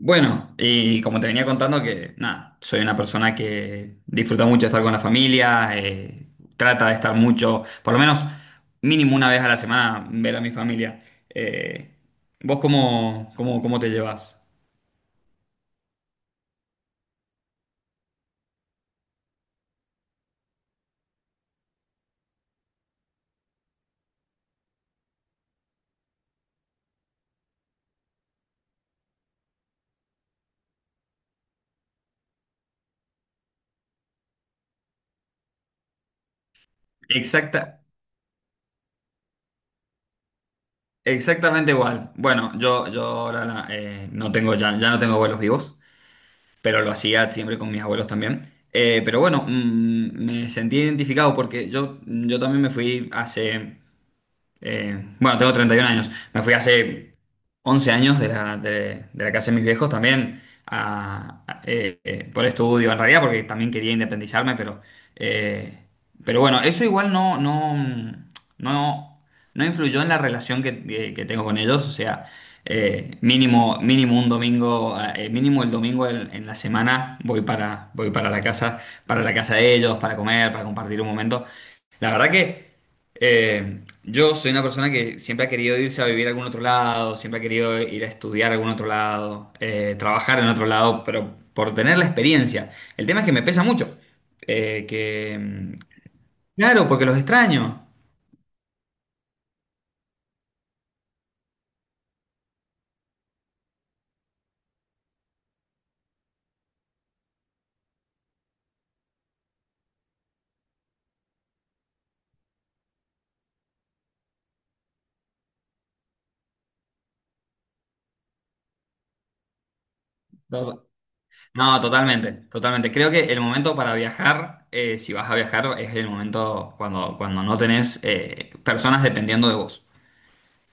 Bueno, y como te venía contando nada, soy una persona que disfruta mucho estar con la familia, trata de estar mucho, por lo menos mínimo una vez a la semana, ver a mi familia. Eh, ¿Vos cómo te llevas? Exacta, exactamente igual. Bueno, no tengo ya no tengo abuelos vivos, pero lo hacía siempre con mis abuelos también. Me sentí identificado porque yo también me fui hace bueno, tengo 31 años. Me fui hace 11 años de de la casa de mis viejos también por estudio, en realidad, porque también quería independizarme, eh, pero bueno, eso igual no, no influyó en la relación que tengo con ellos. O sea, mínimo un domingo, mínimo el domingo en la semana voy para, voy para la casa de ellos, para comer, para compartir un momento. La verdad que yo soy una persona que siempre ha querido irse a vivir a algún otro lado, siempre ha querido ir a estudiar a algún otro lado, trabajar en otro lado, pero por tener la experiencia. El tema es que me pesa mucho. eh, que, mm, claro, porque los extraño. No, no, totalmente, totalmente. Creo que el momento para viajar, si vas a viajar, es el momento cuando no tenés personas dependiendo de vos.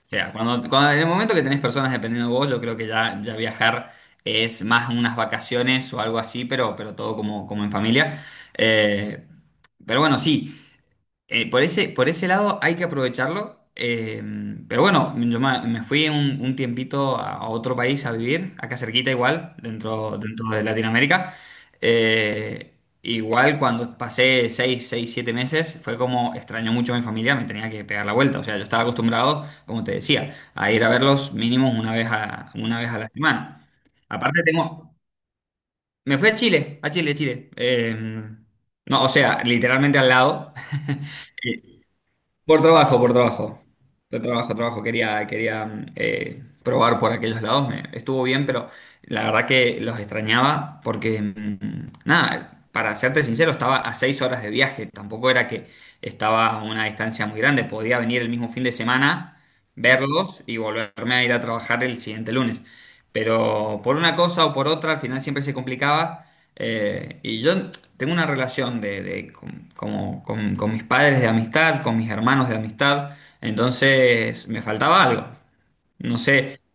O sea, en el momento que tenés personas dependiendo de vos, yo creo que ya viajar es más unas vacaciones o algo así, pero todo como en familia. Eh, pero bueno, sí. Por por ese lado hay que aprovecharlo. Pero bueno, me fui un tiempito a otro país a vivir, acá cerquita igual, dentro de Latinoamérica. Eh, Igual cuando pasé seis 7 meses, fue como extraño mucho a mi familia, me tenía que pegar la vuelta. O sea, yo estaba acostumbrado, como te decía, a ir a verlos mínimo una vez una vez a la semana. Aparte tengo... Me fui a Chile, Chile. No, o sea, literalmente al lado. Por trabajo, por trabajo. Por trabajo. Quería probar por aquellos lados. Estuvo bien, pero la verdad que los extrañaba nada, para serte sincero, estaba a seis horas de viaje. Tampoco era que estaba a una distancia muy grande. Podía venir el mismo fin de semana, verlos y volverme a ir a trabajar el siguiente lunes. Pero por una cosa o por otra, al final siempre se complicaba. Y yo tengo una relación con mis padres de amistad, con mis hermanos de amistad. Entonces me faltaba algo. No sé.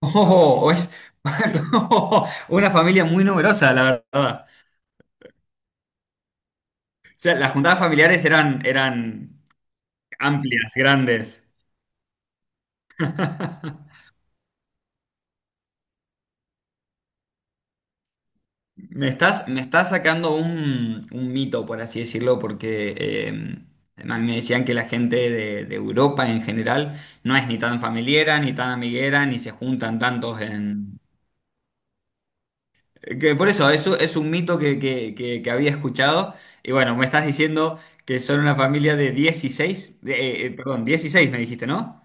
Oh, o es una familia muy numerosa, la verdad. O sea, las juntadas familiares eran amplias, grandes. Me estás sacando un mito, por así decirlo, porque a mí me decían que la gente de Europa en general no es ni tan familiera, ni tan amiguera, ni se juntan tantos en... eso es un mito que había escuchado. Y bueno, me estás diciendo que son una familia de 16 de, perdón, 16 me dijiste, ¿no?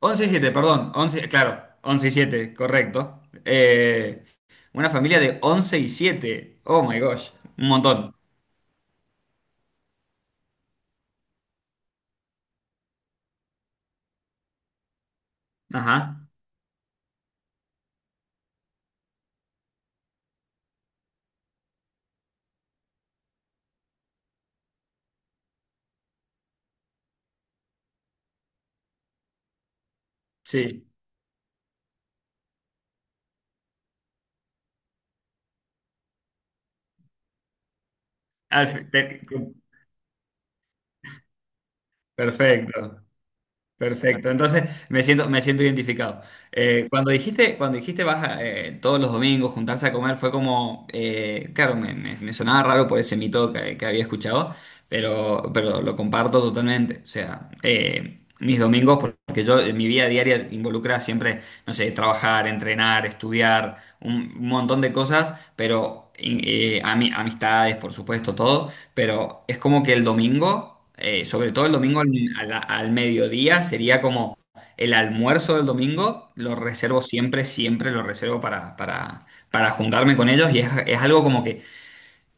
Once y siete, perdón, 11 claro, 11 y 7 correcto. Una familia de 11 y siete, oh my gosh, un montón. Ajá, sí. Al- te- Perfecto, perfecto. Entonces me siento identificado. Cuando dijiste vas a, todos los domingos juntarse a comer, fue como, claro, me sonaba raro por ese mito que había escuchado, pero lo comparto totalmente. O sea, mis domingos, porque yo en mi vida diaria involucra siempre no sé, trabajar, entrenar, estudiar, un montón de cosas, pero amistades, por supuesto, todo, pero es como que el domingo, sobre todo el domingo al mediodía, sería como el almuerzo del domingo, lo reservo siempre, siempre lo reservo para juntarme con ellos y es algo como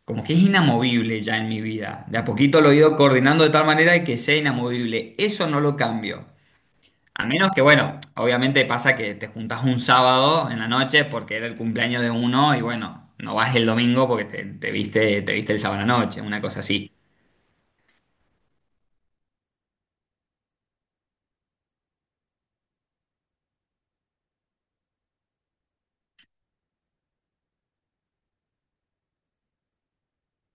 como que es inamovible ya en mi vida. De a poquito lo he ido coordinando de tal manera de que sea inamovible. Eso no lo cambio. A menos que, bueno, obviamente pasa que te juntas un sábado en la noche porque era el cumpleaños de uno y bueno, no vas el domingo porque te viste el sábado a la noche, una cosa así.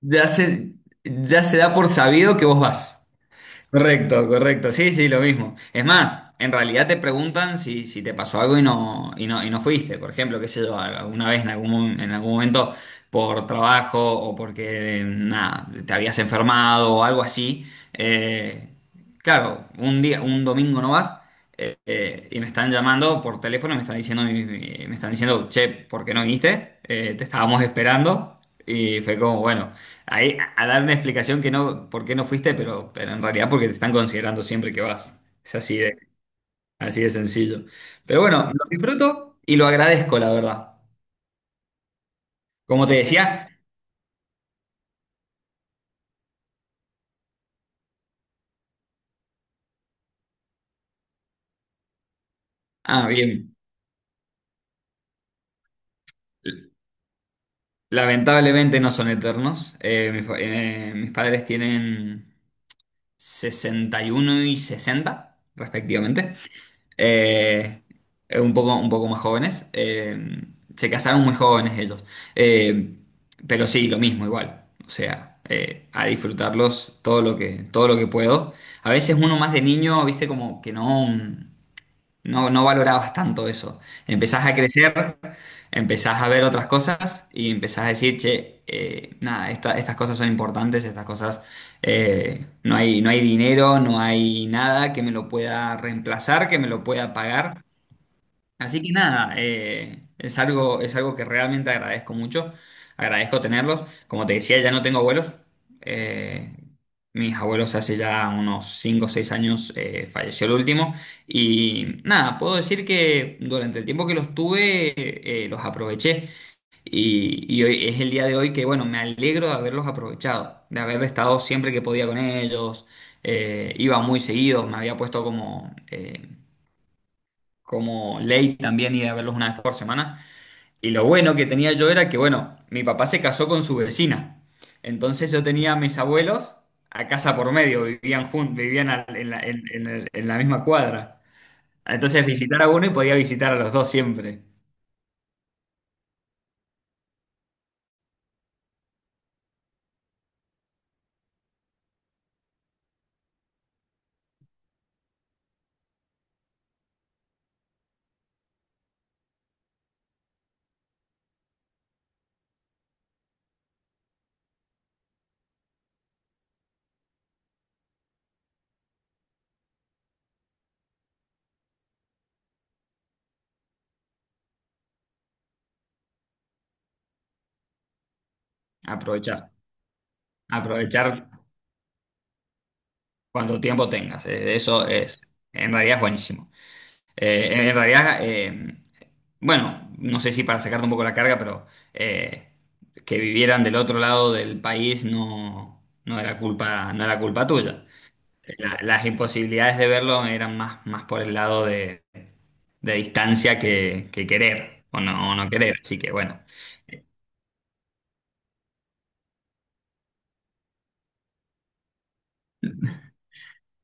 Ya se, ya se da por sabido que vos vas. Correcto, correcto, sí, sí, lo mismo. Es más, en realidad te preguntan si te pasó algo y no fuiste. Por ejemplo, qué sé yo, alguna vez en en algún momento por trabajo o porque, nada, te habías enfermado o algo así. eh, Claro, un día, un domingo nomás, y me están llamando por teléfono, y me están me están diciendo, che, ¿por qué no viniste? Te estábamos esperando. Y fue como, bueno, ahí a dar una explicación que no, por qué no fuiste, pero en realidad porque te están considerando siempre que vas. Es así así de sencillo. Pero bueno, lo disfruto y lo agradezco, la verdad. Como te decía, ah, bien, lamentablemente no son eternos. Mis padres tienen sesenta y sesenta, respectivamente. Eh, un poco más jóvenes. Se casaron muy jóvenes ellos. Eh, pero sí, lo mismo, igual. O sea, a disfrutarlos todo lo todo lo que puedo. A veces uno más de niño, viste, como que no. No valorabas tanto eso. Empezás a crecer, empezás a ver otras cosas y empezás a decir, che, nada, estas cosas son importantes, estas cosas, no no hay dinero, no hay nada que me lo pueda reemplazar, que me lo pueda pagar. Así que nada, es es algo que realmente agradezco mucho. Agradezco tenerlos. Como te decía, ya no tengo abuelos. Eh, Mis abuelos hace ya unos 5 o seis años falleció el último. Y nada, puedo decir que durante el tiempo que los tuve, los aproveché. Y hoy es el día de hoy que, bueno, me alegro de haberlos aprovechado, de haber estado siempre que podía con ellos. Iba muy seguido, me había puesto como... como ley también ir a verlos una vez por semana. Y lo bueno que tenía yo era que, bueno, mi papá se casó con su vecina. Entonces yo tenía a mis abuelos a casa por medio, vivían juntos, vivían al- en la, en el- en la misma cuadra. Entonces visitar a uno y podía visitar a los dos siempre. Aprovechar, aprovechar cuando tiempo tengas. Eso en realidad es buenísimo. Eh, en realidad, eh, bueno, no sé si para sacarte un poco la carga, pero eh, que vivieran del otro lado del país no era culpa, no era culpa tuya. Las imposibilidades de verlo eran más por el lado de distancia que querer o no querer. Así que bueno,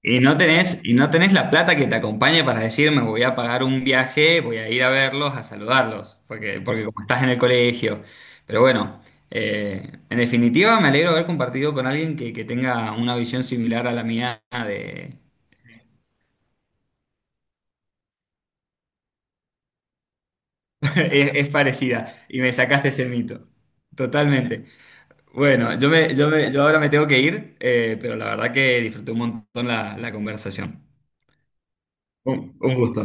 Y no tenés la plata que te acompañe para decir, me voy a pagar un viaje, voy a ir a verlos, a saludarlos, porque como estás en el colegio. Pero bueno, en definitiva me alegro de haber compartido con alguien que tenga una visión similar a la mía de... es parecida, y me sacaste ese mito. Totalmente. Bueno, yo ahora me tengo que ir, pero la verdad que disfruté un montón la conversación. Un gusto.